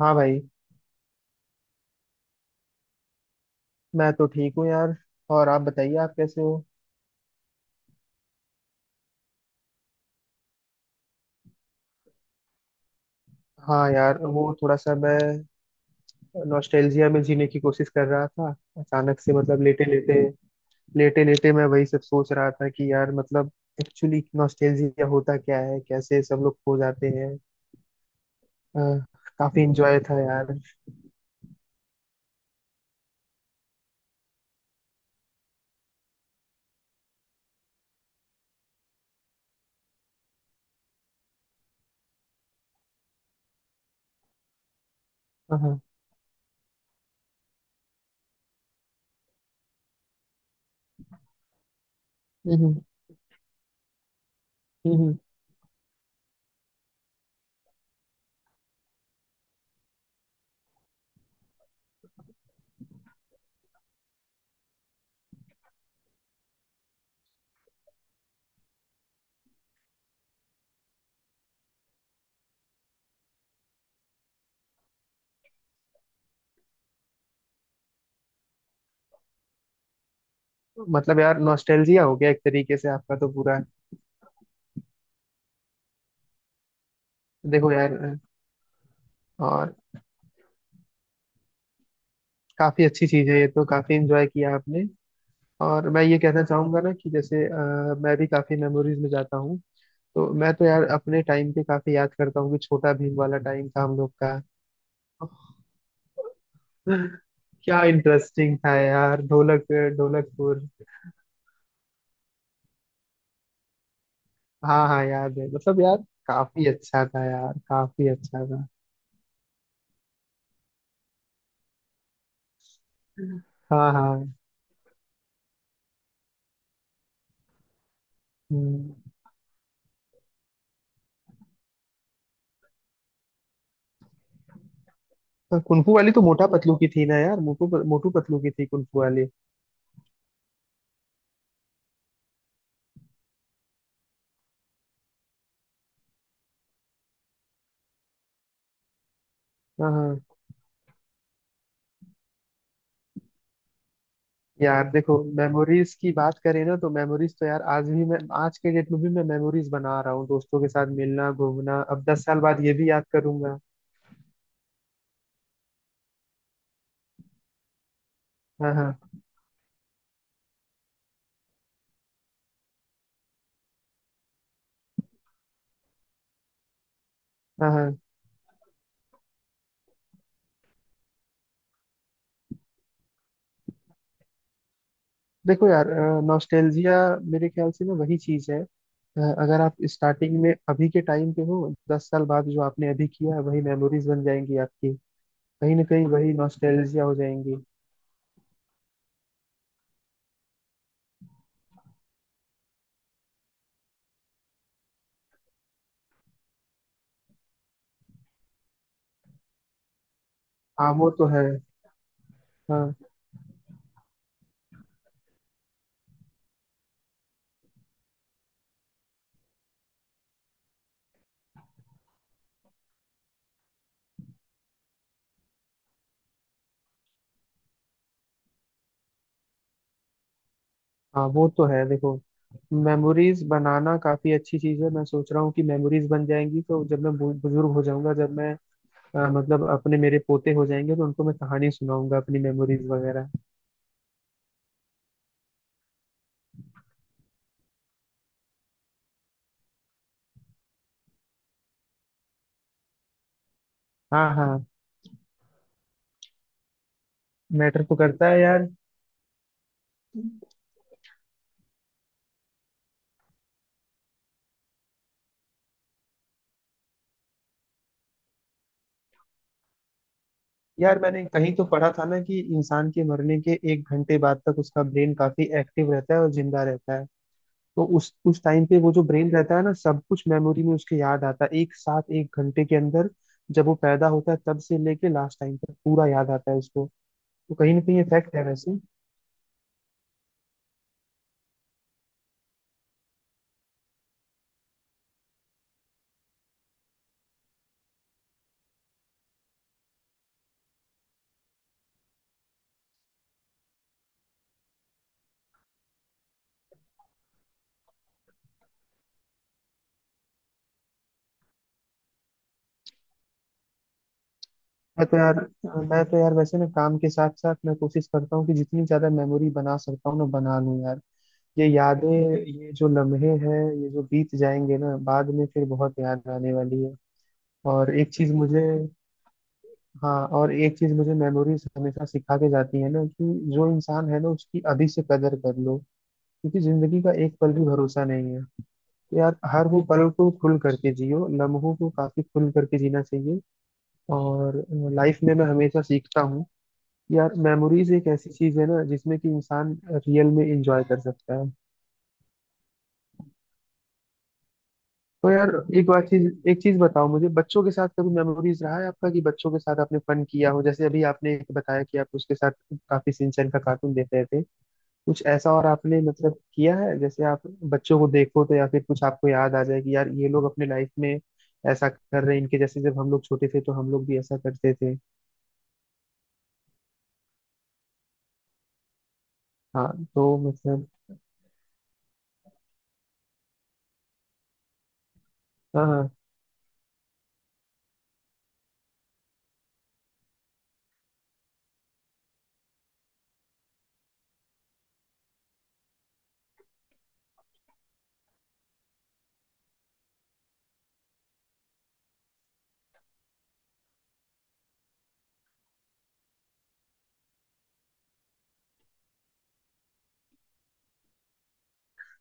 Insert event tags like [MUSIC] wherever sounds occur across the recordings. हाँ भाई। मैं तो ठीक हूँ यार। और आप बताइए, आप कैसे हो। हाँ यार, वो थोड़ा सा मैं नॉस्टैल्जिया में जीने की कोशिश कर रहा था। अचानक से मतलब लेटे लेटे मैं वही सब सोच रहा था कि यार मतलब एक्चुअली नॉस्टैल्जिया होता क्या है, कैसे सब लोग खो जाते हैं। अ, काफी इंजॉय था यार। हाँ हाँ। हम्म हम्म हम्म। मतलब यार नॉस्टैल्जिया हो गया एक तरीके से आपका तो पूरा। देखो यार। और काफी अच्छी चीज है ये, तो काफी इंजॉय किया आपने। और मैं ये कहना चाहूंगा ना कि जैसे मैं भी काफी मेमोरीज में जाता हूँ। तो मैं तो यार अपने टाइम पे काफी याद करता हूँ कि छोटा भीम वाला टाइम था हम लोग का। [LAUGHS] क्या इंटरेस्टिंग था यार। ढोलकपुर। हाँ हाँ याद है मतलब यार काफी अच्छा था यार, काफी अच्छा था। हाँ हाँ। हम्म। कुनफू वाली तो मोटा पतलू की थी ना यार। मोटू मोटू पतलू की थी कुनफू वाली। हाँ हाँ। यार देखो मेमोरीज की बात करें ना, तो मेमोरीज तो यार आज भी मैं, आज के डेट में भी मैं मेमोरीज बना रहा हूँ। दोस्तों के साथ मिलना घूमना, अब 10 साल बाद ये भी याद करूंगा। हाँ हाँ। हाँ हाँ। देखो यार, नॉस्टैल्जिया मेरे ख्याल से ना वही चीज है। अगर आप स्टार्टिंग में अभी के टाइम पे हो, 10 साल बाद जो आपने अभी किया है, वही मेमोरीज बन जाएंगी आपकी। कहीं ना कहीं वही नॉस्टैल्जिया हो जाएंगी। हाँ वो तो है। हाँ हाँ वो तो है। देखो मेमोरीज बनाना काफी अच्छी चीज है। मैं सोच रहा हूँ कि मेमोरीज बन जाएंगी तो जब मैं बुजुर्ग हो जाऊंगा, जब मैं मतलब अपने मेरे पोते हो जाएंगे तो उनको मैं कहानी सुनाऊंगा अपनी मेमोरीज वगैरह। हाँ हाँ। मैटर तो करता है यार। यार मैंने कहीं तो पढ़ा था ना कि इंसान के मरने के 1 घंटे बाद तक उसका ब्रेन काफी एक्टिव रहता है और जिंदा रहता है। तो उस टाइम पे वो जो ब्रेन रहता है ना, सब कुछ मेमोरी में उसके याद आता है एक साथ, 1 घंटे के अंदर। जब वो पैदा होता है तब से लेके लास्ट टाइम तक पूरा याद आता है उसको। तो कहीं ना कहीं इफेक्ट है वैसे। मैं तो यार मैं तो यार वैसे ना काम के साथ साथ मैं कोशिश करता हूँ कि जितनी ज्यादा मेमोरी बना सकता हूँ ना बना लूँ यार। ये यादें, ये जो लम्हे हैं, ये जो बीत जाएंगे ना बाद में फिर बहुत याद आने वाली है। और एक चीज मुझे हाँ, और एक चीज मुझे मेमोरीज हमेशा सिखा के जाती है ना कि जो इंसान है ना उसकी अभी से कदर कर लो, क्योंकि जिंदगी का एक पल भी भरोसा नहीं है। तो यार हर वो पल को खुल करके जियो, लम्हों को काफी खुल करके जीना चाहिए। और लाइफ में मैं हमेशा सीखता हूँ कि यार मेमोरीज एक ऐसी चीज है ना जिसमें कि इंसान रियल में इंजॉय कर सकता है। तो यार एक बात चीज एक चीज बताओ मुझे, बच्चों के साथ कभी मेमोरीज रहा है आपका, कि बच्चों के साथ आपने फन किया हो, जैसे अभी आपने एक बताया कि आप उसके साथ काफी सिंचन का कार्टून देख रहे थे। कुछ ऐसा और आपने मतलब किया है, जैसे आप बच्चों को देखो तो, या फिर कुछ आपको याद आ जाए कि यार ये लोग अपने लाइफ में ऐसा कर रहे हैं, इनके जैसे जब हम लोग छोटे थे तो हम लोग भी ऐसा करते थे। हाँ। तो मतलब, हाँ हाँ।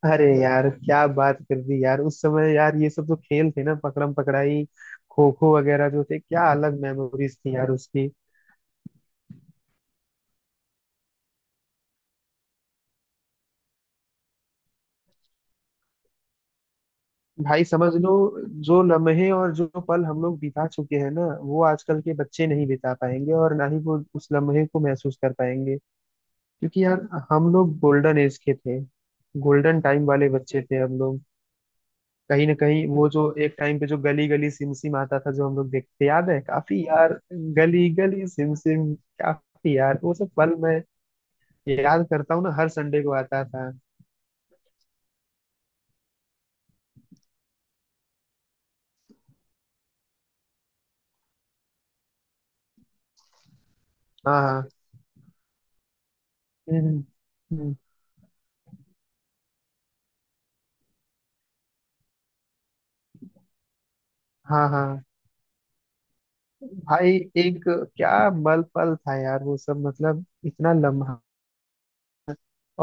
अरे यार क्या बात कर दी यार, उस समय यार ये सब जो खेल थे ना, पकड़म पकड़ाई, खो खो वगैरह जो थे, क्या अलग मेमोरीज थी यार उसकी। भाई समझ लो, जो लम्हे और जो पल हम लोग बिता चुके हैं ना, वो आजकल के बच्चे नहीं बिता पाएंगे और ना ही वो उस लम्हे को महसूस कर पाएंगे। क्योंकि यार हम लोग गोल्डन एज के थे, गोल्डन टाइम वाले बच्चे थे हम लोग। कहीं ना कहीं वो जो एक टाइम पे जो गली गली सिम सिम आता था, जो हम लोग देखते याद है काफी यार, गली गली सिम सिम। काफी यार वो सब पल मैं याद करता हूँ ना, हर संडे को आता था। हाँ हाँ। हम्म, हम्म, हम्म। हाँ हाँ भाई। एक क्या मल पल था यार वो सब, मतलब इतना लम्हा।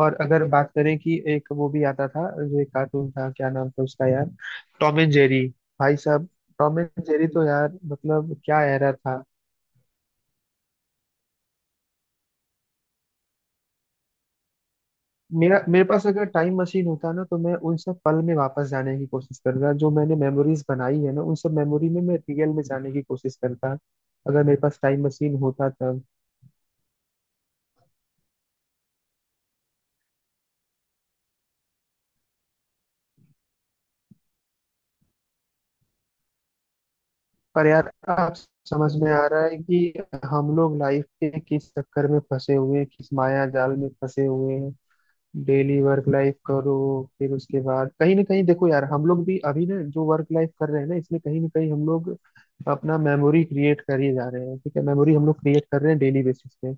और अगर बात करें कि एक वो भी आता था जो एक कार्टून था, क्या नाम था उसका यार, टॉम एंड जेरी। भाई साहब, टॉम एंड जेरी तो यार मतलब क्या एरा था। मेरा मेरे पास अगर टाइम मशीन होता ना, तो मैं उन सब पल में वापस जाने की कोशिश करता, जो मैंने मेमोरीज बनाई है ना, उन सब मेमोरी में मैं रियल में जाने की कोशिश करता, अगर मेरे पास टाइम मशीन होता तब। पर यार आप, समझ में आ रहा है कि हम लोग लाइफ के किस चक्कर में फंसे हुए हैं, किस माया जाल में फंसे हुए हैं। डेली वर्क लाइफ करो, फिर उसके बाद कहीं ना कहीं देखो यार हम लोग भी अभी ना जो वर्क लाइफ कर रहे हैं ना, इसमें कहीं ना कहीं हम लोग अपना मेमोरी क्रिएट कर ही जा रहे हैं। ठीक है, मेमोरी हम लोग क्रिएट कर रहे हैं डेली बेसिस पे।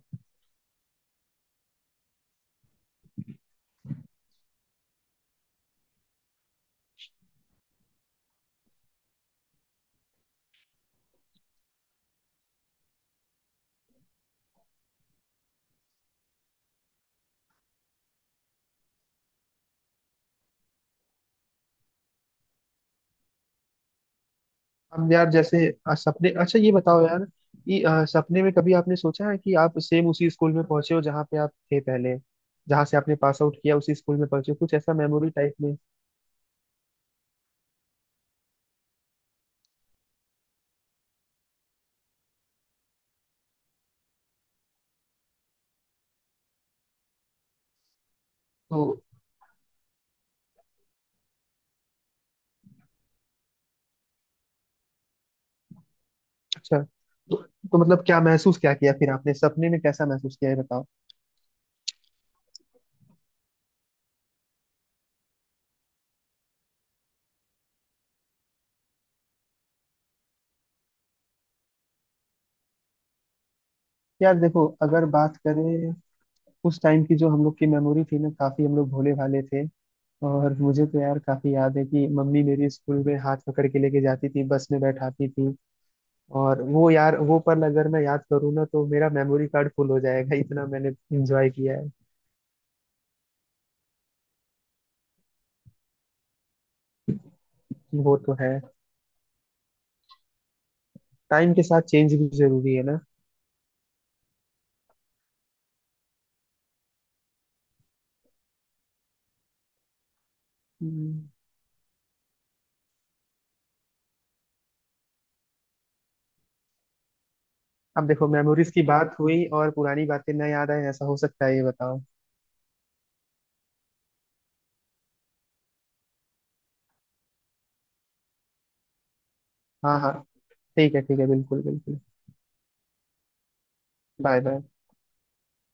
हम यार जैसे सपने, अच्छा ये बताओ यार, कि सपने में कभी आपने सोचा है कि आप सेम उसी स्कूल में पहुंचे हो जहाँ पे आप थे पहले, जहाँ से आपने पास आउट किया, उसी स्कूल में पहुंचे हो, कुछ ऐसा मेमोरी टाइप में। तो अच्छा। तो, तो मतलब क्या महसूस क्या किया फिर आपने, सपने में कैसा महसूस किया ये बताओ। यार देखो अगर बात करें उस टाइम की, जो हम लोग की मेमोरी थी ना, काफी हम लोग भोले भाले थे। और मुझे तो यार काफी याद है कि मम्मी मेरी स्कूल में हाथ पकड़ के लेके जाती थी, बस में बैठाती थी। और वो यार वो पल अगर मैं याद करूँ ना, तो मेरा मेमोरी कार्ड फुल हो जाएगा, इतना मैंने एंजॉय किया है। वो तो है। टाइम के साथ चेंज भी जरूरी है ना। हम्म। अब देखो मेमोरीज की बात हुई और पुरानी बातें न याद आए, ऐसा हो सकता है ये बताओ। हाँ हाँ, ठीक है ठीक है, बिल्कुल बिल्कुल। Bye bye.